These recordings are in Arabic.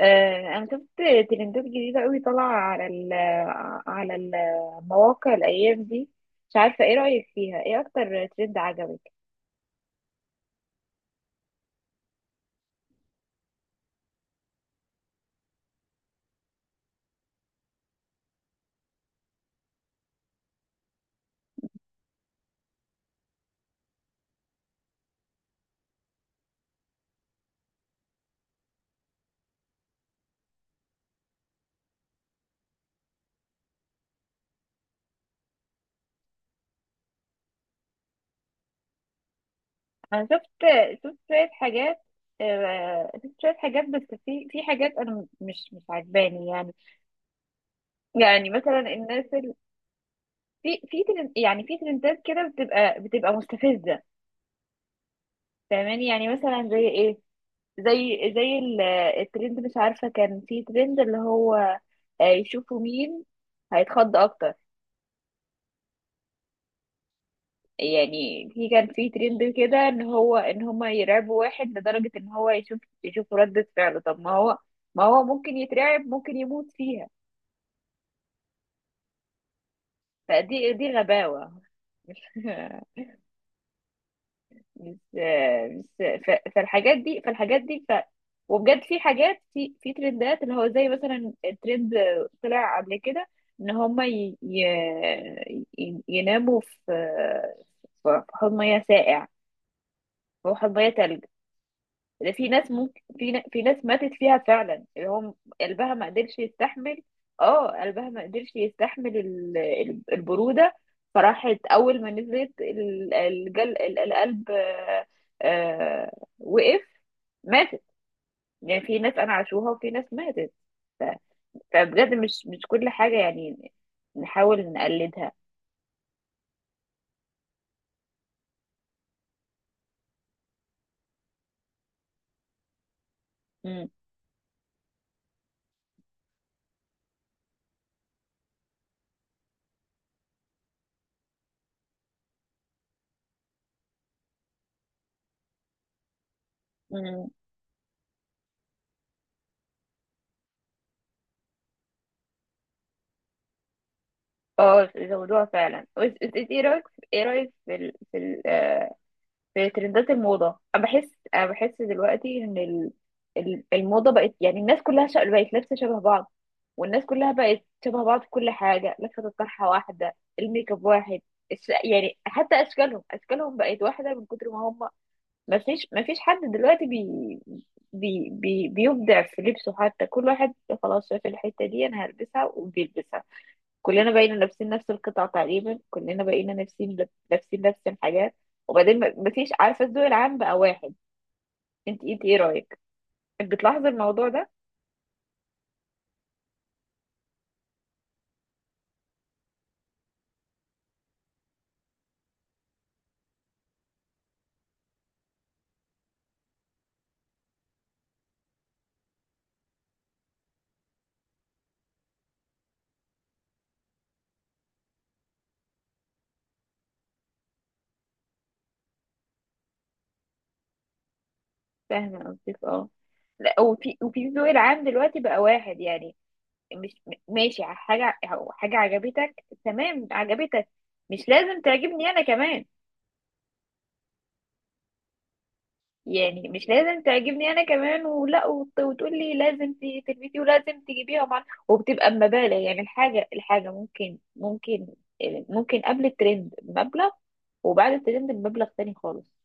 انا شفت ترندات جديده قوي طالعه على المواقع الايام دي. مش عارفه ايه رايك فيها، ايه اكتر ترند عجبك؟ انا شفت، شفت شويه حاجات آه، شفت شويه حاجات، بس في حاجات انا مش عجباني يعني. يعني مثلا في ترند، يعني في ترندات كده بتبقى مستفزه، فاهماني؟ يعني مثلا زي ايه؟ زي زي ال- الترند، مش عارفه، كان في ترند اللي هو يشوفوا مين هيتخض اكتر. يعني كان في ترند كده ان هو ان هما يرعبوا واحد لدرجة ان هو يشوف، ردة فعله. طب ما هو، ما هو ممكن يترعب، ممكن يموت فيها. فدي غباوة. مش مش ف- فالحاجات دي، فالحاجات دي ف وبجد في حاجات، في ترندات اللي هو زي مثلا الترند طلع قبل كده، ان هما يناموا في، في حوض مياه ساقع، هو حوض مياه تلج. ده في ناس، ممكن في ناس ماتت فيها فعلا، اللي هم قلبها ما قدرش يستحمل. اه، قلبها ما قدرش يستحمل البرودة. فراحت اول ما نزلت الجل، القلب وقف، ماتت. يعني في ناس انا عاشوها، وفي ناس ماتت. ف- فبجد مش، مش كل حاجة يعني نحاول نقلدها. مم. مم. اه، زودوها فعلا. بس انت ايه رايك؟ ايه رايك في ال... في ال... آه، في ترندات الموضة؟ أنا بحس، أنا بحس دلوقتي إن الموضة بقت، يعني الناس كلها بقت لابسة شبه بعض، والناس كلها بقت شبه بعض في كل حاجة، لفة الطرحة واحدة، الميك اب واحد، يعني حتى أشكالهم، بقت واحدة من كتر ما هم، ما فيش حد دلوقتي بيبدع في لبسه. حتى كل واحد خلاص شاف الحتة دي، أنا هلبسها وبيلبسها، كلنا بقينا لابسين نفس القطع تقريبا، كلنا بقينا لابسين نفس الحاجات. وبعدين مفيش، عارفه، الذوق العام بقى واحد. انت ايه رايك؟ بتلاحظي الموضوع ده؟ فاهمه قصدك اه. لا، وفي الذوق العام دلوقتي بقى واحد. يعني مش ماشي، حاجه، عجبتك، تمام عجبتك، مش لازم تعجبني انا كمان. يعني مش لازم تعجبني انا كمان، ولا وتقول لي لازم تلبسي ولازم تجيبيها مع، وبتبقى بمبالغ. يعني الحاجه، ممكن، ممكن قبل الترند بمبلغ، وبعد الترند بمبلغ تاني خالص.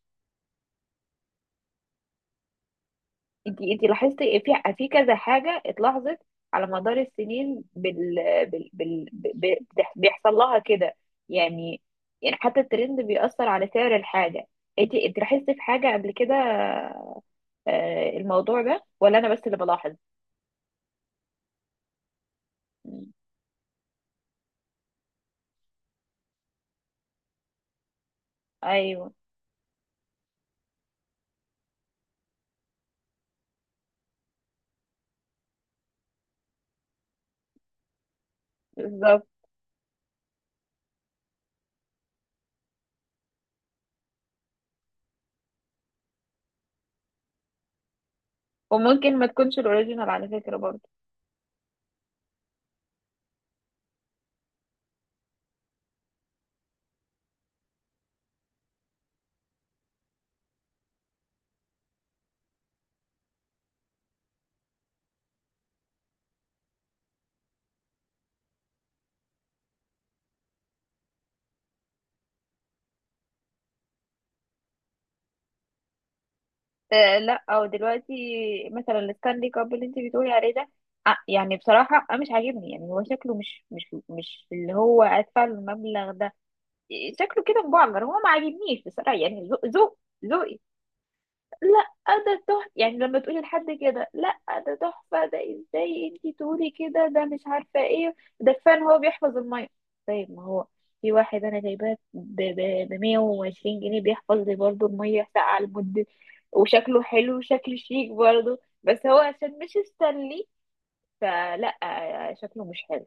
انتي لاحظتي في كذا حاجه اتلاحظت على مدار السنين بيحصل لها كده؟ يعني يعني حتى الترند بيأثر على سعر الحاجه. انتي لاحظتي في حاجه قبل كده، الموضوع ده؟ ولا انا بس اللي بلاحظ؟ مم. ايوه، بالظبط. وممكن ما تكونش الاوريجينال على فكره برضه. آه لا، او دلوقتي مثلا الستانلي كاب اللي انت بتقولي عليه ده، آه يعني بصراحه انا مش عاجبني. يعني هو شكله مش اللي هو ادفع له المبلغ ده. شكله كده مبعجر، هو ما عاجبنيش بصراحه. يعني ذوق، ذوقي. لا، ده تحفة، يعني لما تقولي لحد كده لا، ده تحفة، ده ازاي انتي تقولي كده؟ ده مش عارفة ايه ده. كفاية ان هو بيحفظ المية؟ طيب ما هو في واحد انا جايباه ب 120 جنيه، بيحفظ لي برضه المية ساقعة لمدة، وشكله حلو، وشكله شيك برضه، بس هو عشان مش استنلي فلا، شكله مش حلو.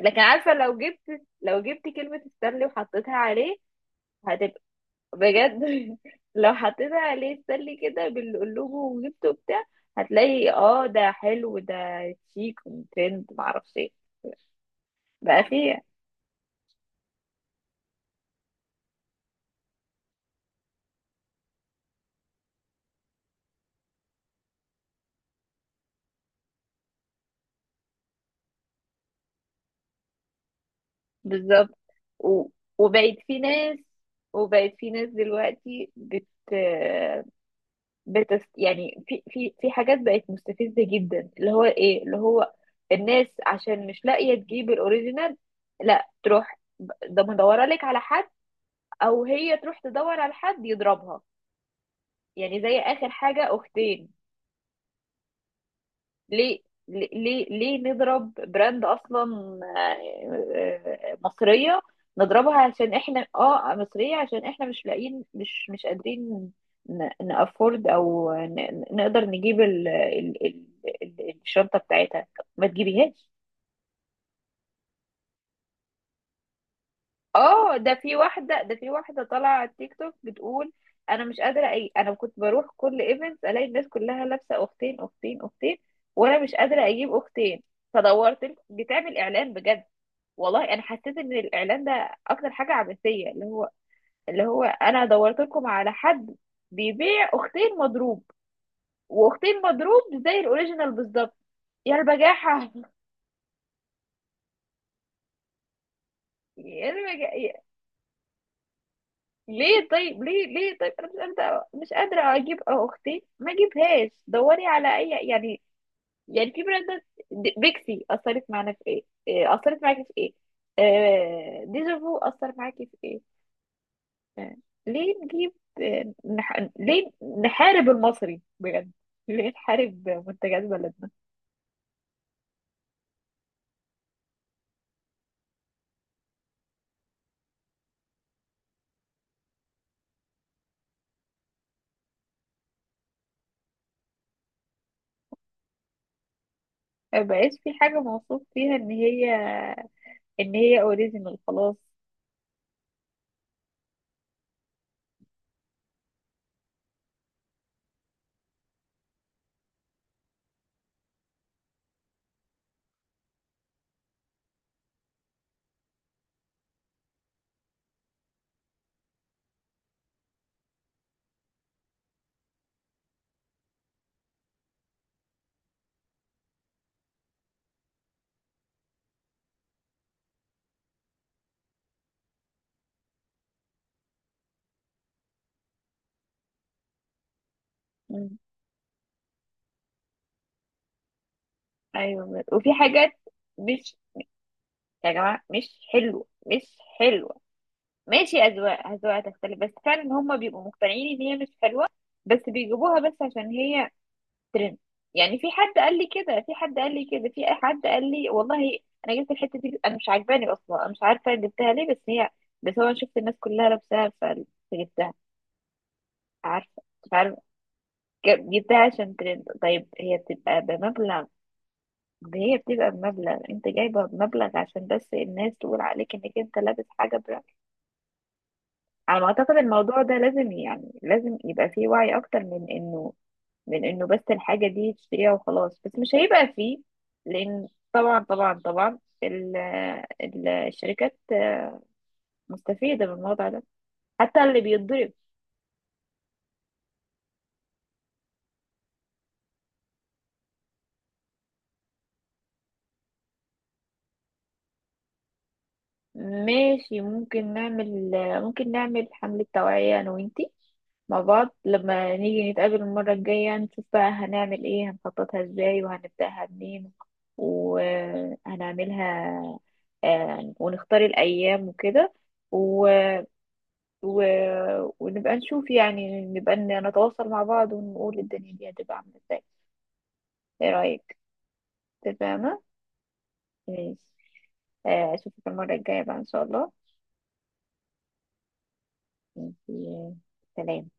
لكن عارفة، لو جبت، كلمة استنلي وحطيتها عليه، بجد، لو حطيت عليه السلي كده بالقلوب وجبته وبتاع، هتلاقي اه ده حلو، ده شيك وترند معرفش ايه. بقى فيه، بالظبط. و... وبقت في ناس، دلوقتي يعني في حاجات بقت مستفزة جدا، اللي هو ايه، اللي هو الناس عشان مش لاقية تجيب الاوريجينال، لا تروح، ده مدورة لك على حد، او هي تروح تدور على حد يضربها. يعني زي آخر حاجة أختين. ليه، ليه ليه نضرب براند أصلا مصرية؟ نضربها عشان احنا اه مصرية، عشان احنا مش لاقيين، مش قادرين نأفورد، أو نقدر نجيب ال الشنطة بتاعتها. ما تجيبيهاش. اه، ده في واحدة، طالعة على التيك توك بتقول انا مش قادرة اي، انا كنت بروح كل ايفنت الاقي الناس كلها لابسة اختين، اختين، وانا مش قادرة اجيب اختين. فدورت بتعمل اعلان بجد، والله انا حسيت ان الاعلان ده اكتر حاجة عبثية، اللي هو، انا دورت لكم على حد بيبيع اختين مضروب، واختين مضروب زي الاوريجينال بالظبط. يا البجاحة. يا البجاحة. ليه؟ طيب ليه، طيب انا مش قادره، اجيب اختي، ما اجيبهاش. دوري على اي يعني. يعني في براندات، بيكسي اثرت معانا في ايه؟ إيه، اثرت معاكي في ايه؟ ديجافو اثر معاكي في ايه؟ آه، ليه نجيب؟ ليه نحارب المصري بجد؟ ليه نحارب منتجات بلدنا؟ ما بقاش في حاجه موصوف فيها ان هي، اوريجينال، خلاص. مم. ايوه، وفي حاجات مش، يا جماعه مش حلوه، مش حلوه. ماشي أذواق، تختلف، بس فعلا هما بيبقوا مقتنعين إن هي مش حلوة، بس بيجيبوها بس عشان هي ترند. يعني في حد قال لي كده، في حد قال لي والله أنا جبت الحتة دي، أنا مش عاجباني أصلا، أنا مش عارفة جبتها ليه، بس هي، بس هو، أنا شفت الناس كلها لابساها فجبتها. عارفة، مش عارفة. جبتها عشان ترند. طيب هي بتبقى بمبلغ، أنت جايبها بمبلغ عشان بس الناس تقول عليك إنك أنت لابس حاجة براند. على ما اعتقد الموضوع ده لازم، يعني لازم يبقى فيه وعي اكتر من انه، بس الحاجة دي تشتريها وخلاص. بس مش هيبقى فيه، لان، طبعا، طبعا الشركات مستفيدة من الموضوع ده، حتى اللي بيتضرب. ماشي، ممكن نعمل، حملة توعية أنا وإنتي مع بعض، لما نيجي نتقابل المرة الجاية يعني، نشوف بقى هنعمل إيه، هنخططها إزاي، وهنبدأها منين، وهنعملها. ونختار الأيام وكده، و... و... ونبقى نشوف، يعني نبقى نتواصل مع بعض ونقول الدنيا دي هتبقى عاملة إزاي. إيه رأيك؟ تمام؟ ماشي. أشوفك المرة الجاية بقى إن شاء الله. ماشي. سلام.